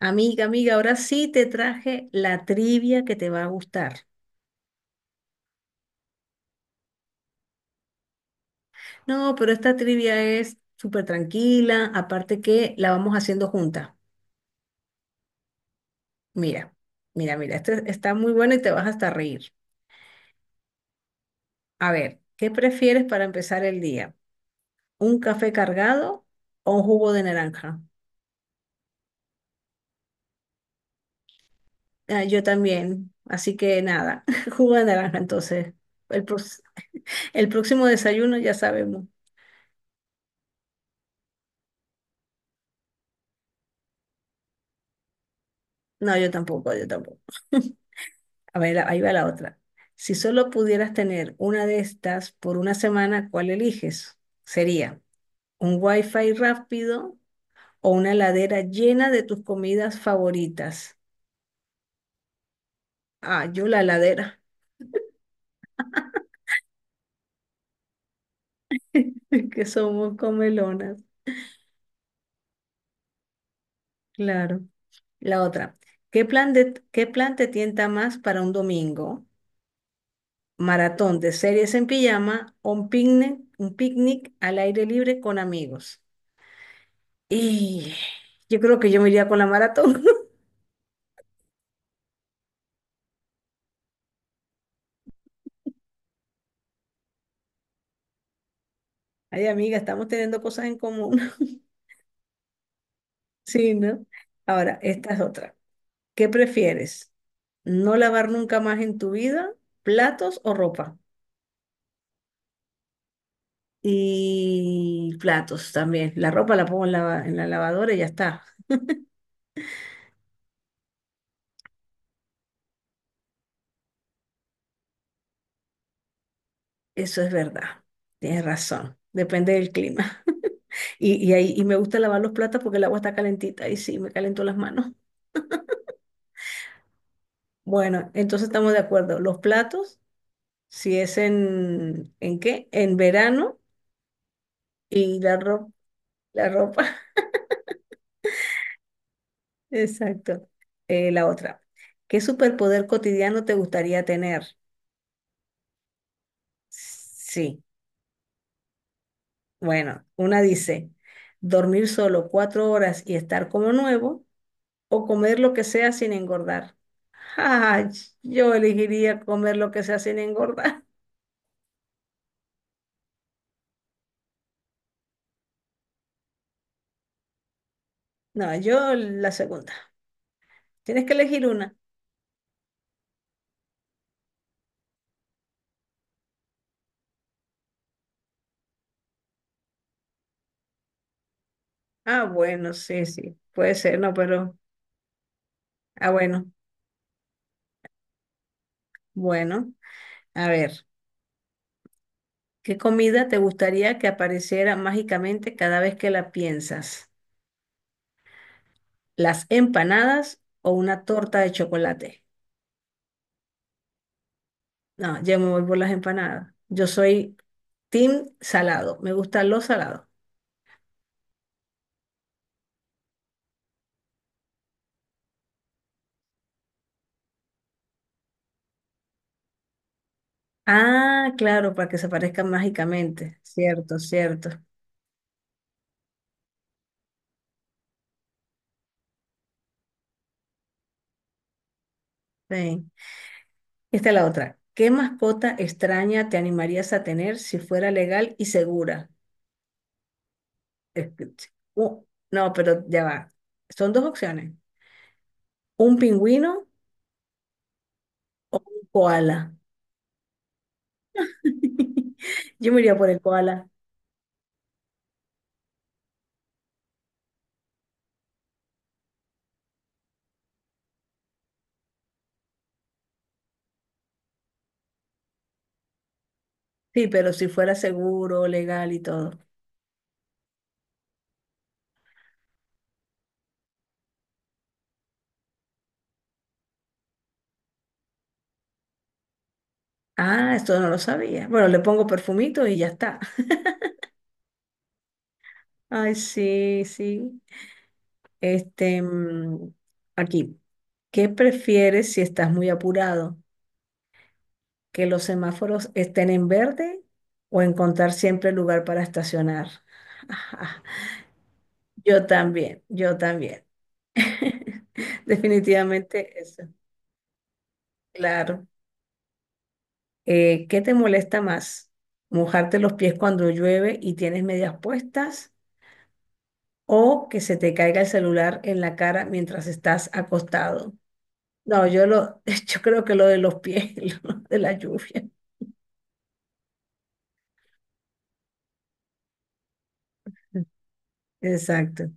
Amiga, amiga, ahora sí te traje la trivia que te va a gustar. No, pero esta trivia es súper tranquila, aparte que la vamos haciendo junta. Mira, mira, mira, esta está muy buena y te vas hasta a reír. A ver, ¿qué prefieres para empezar el día? ¿Un café cargado o un jugo de naranja? Ah, yo también, así que nada, jugo de naranja entonces. El, prox- el próximo desayuno ya sabemos. No, yo tampoco, yo tampoco. A ver, ahí va la otra. Si solo pudieras tener una de estas por una semana, ¿cuál eliges? Sería un wifi rápido o una heladera llena de tus comidas favoritas. Ah, yo la heladera, que somos comelonas. Claro. La otra. ¿Qué plan te tienta más para un domingo? ¿Maratón de series en pijama o un picnic al aire libre con amigos? Y yo creo que yo me iría con la maratón. Ay, amiga, estamos teniendo cosas en común. Sí, ¿no? Ahora, esta es otra. ¿Qué prefieres? ¿No lavar nunca más en tu vida platos o ropa? Y platos también. La ropa la pongo en la lavadora y ya está. Eso es verdad. Tienes razón. Depende del clima. Y ahí me gusta lavar los platos porque el agua está calentita y sí, me calentó las manos. Bueno, entonces estamos de acuerdo. Los platos, si es ¿en qué? En verano y la ropa. La ropa, exacto. La otra. ¿Qué superpoder cotidiano te gustaría tener? Sí, bueno, una dice, dormir solo 4 horas y estar como nuevo o comer lo que sea sin engordar. Ay, yo elegiría comer lo que sea sin engordar. No, yo la segunda. Tienes que elegir una. Ah, bueno, sí, sí, puede ser, no, pero... Ah, bueno, bueno. A ver. ¿Qué comida te gustaría que apareciera mágicamente cada vez que la piensas? ¿Las empanadas o una torta de chocolate? No, yo me voy por las empanadas. Yo soy team salado. Me gustan los salados. Ah, claro, para que se aparezcan mágicamente. Cierto, cierto. Sí. Esta es la otra. ¿Qué mascota extraña te animarías a tener si fuera legal y segura? Es que- Uh, no, pero ya va. Son dos opciones. ¿Un pingüino o un koala? Yo me iría por el koala. Sí, pero si fuera seguro, legal y todo. Ah, esto no lo sabía. Bueno, le pongo perfumito y ya está. Ay, sí, sí. Este, mm, aquí. ¿Qué prefieres si estás muy apurado? ¿Que los semáforos estén en verde o encontrar siempre lugar para estacionar? Yo también, yo también. Definitivamente eso. Claro. ¿Qué te molesta más? ¿Mojarte los pies cuando llueve y tienes medias puestas? ¿O que se te caiga el celular en la cara mientras estás acostado? No, yo lo, yo creo que lo de los pies, lo de la lluvia. Exacto.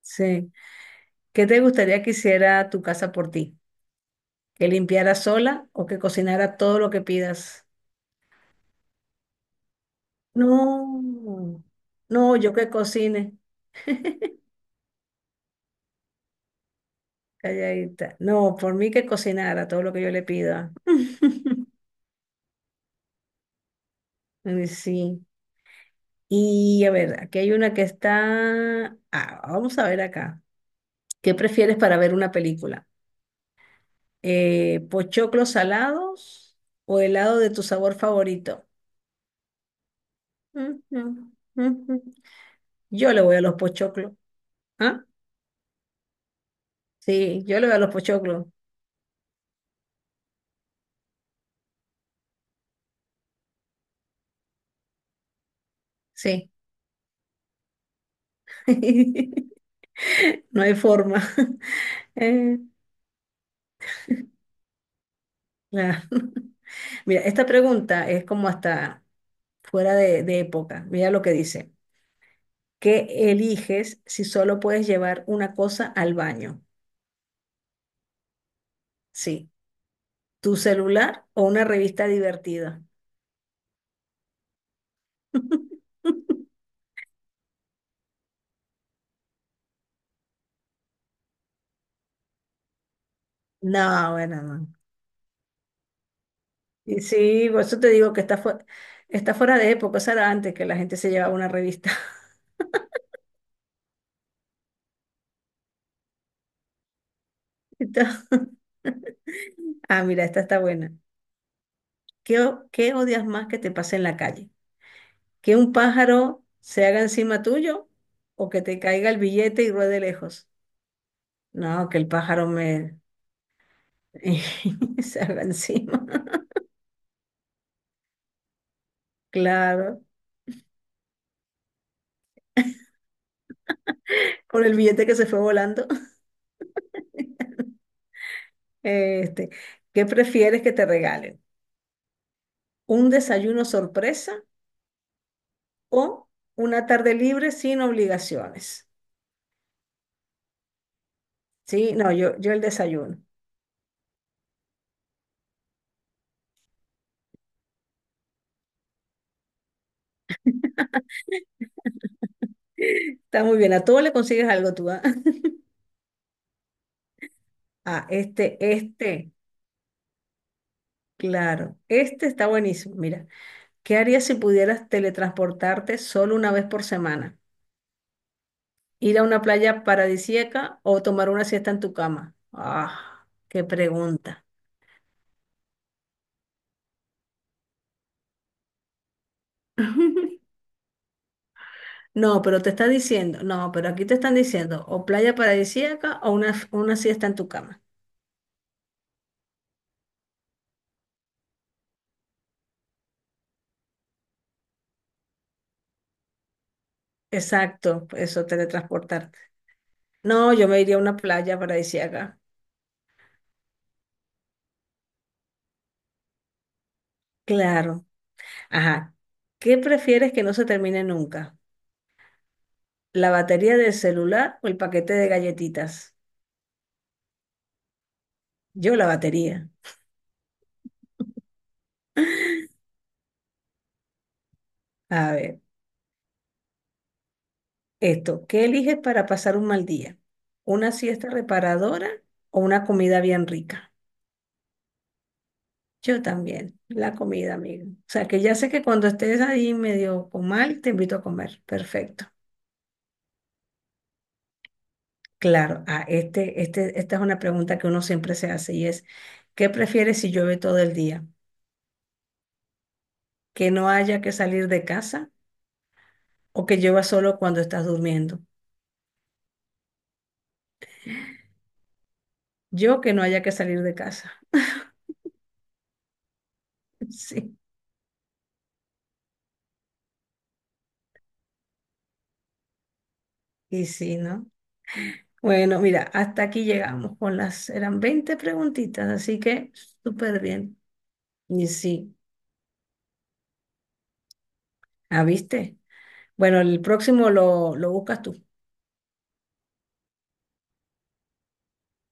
Sí. ¿Qué te gustaría que hiciera tu casa por ti? ¿Que limpiara sola o que cocinara todo lo que pidas? No, no, yo que cocine, calladita. No, por mí que cocinara todo lo que yo le pida. Sí. Y a ver, aquí hay una que está... Ah, vamos a ver acá. ¿Qué prefieres para ver una película? ¿Pochoclos salados o helado de tu sabor favorito? Ujú, ujú. Yo le voy a los pochoclos. ¿Ah? Sí, yo le voy a los pochoclos. Sí. No hay forma. Eh, claro. Mira, esta pregunta es como hasta fuera de época. Mira lo que dice. Que eliges si solo puedes llevar una cosa al baño. Sí, tu celular o una revista divertida. No, bueno, no. Y sí, por eso te digo que está fuera de época, eso era antes que la gente se llevaba una revista. Esta- Ah, mira, esta está buena. ¿Qué odias más que te pase en la calle? ¿Que un pájaro se haga encima tuyo o que te caiga el billete y ruede lejos? No, que el pájaro me se haga encima. Claro, con el billete que se fue volando. Este, ¿qué prefieres que te regalen? ¿Un desayuno sorpresa o una tarde libre sin obligaciones? Sí, no, yo el desayuno. Está muy bien, a todo le consigues algo tú, ¿ah? Ah, este, este, claro, este está buenísimo. Mira, ¿qué harías si pudieras teletransportarte solo una vez por semana? ¿Ir a una playa paradisíaca o tomar una siesta en tu cama? Ah, qué pregunta. No, pero te está diciendo, no, pero aquí te están diciendo o playa paradisíaca o una siesta en tu cama. Exacto, eso, teletransportarte. No, yo me iría a una playa paradisíaca. Claro. Ajá. ¿Qué prefieres que no se termine nunca? ¿La batería del celular o el paquete de galletitas? Yo la batería. A ver, esto, ¿qué eliges para pasar un mal día? ¿Una siesta reparadora o una comida bien rica? Yo también, la comida, amigo. O sea, que ya sé que cuando estés ahí medio con mal, te invito a comer. Perfecto. Claro, esta es una pregunta que uno siempre se hace y es, ¿qué prefieres si llueve todo el día? ¿Que no haya que salir de casa o que llueva solo cuando estás durmiendo? Yo que no haya que salir de casa. Sí, y sí, ¿no? Bueno, mira, hasta aquí llegamos con las, eran 20 preguntitas, así que súper bien. Y sí, ¿ah, viste? Bueno, el próximo lo buscas tú.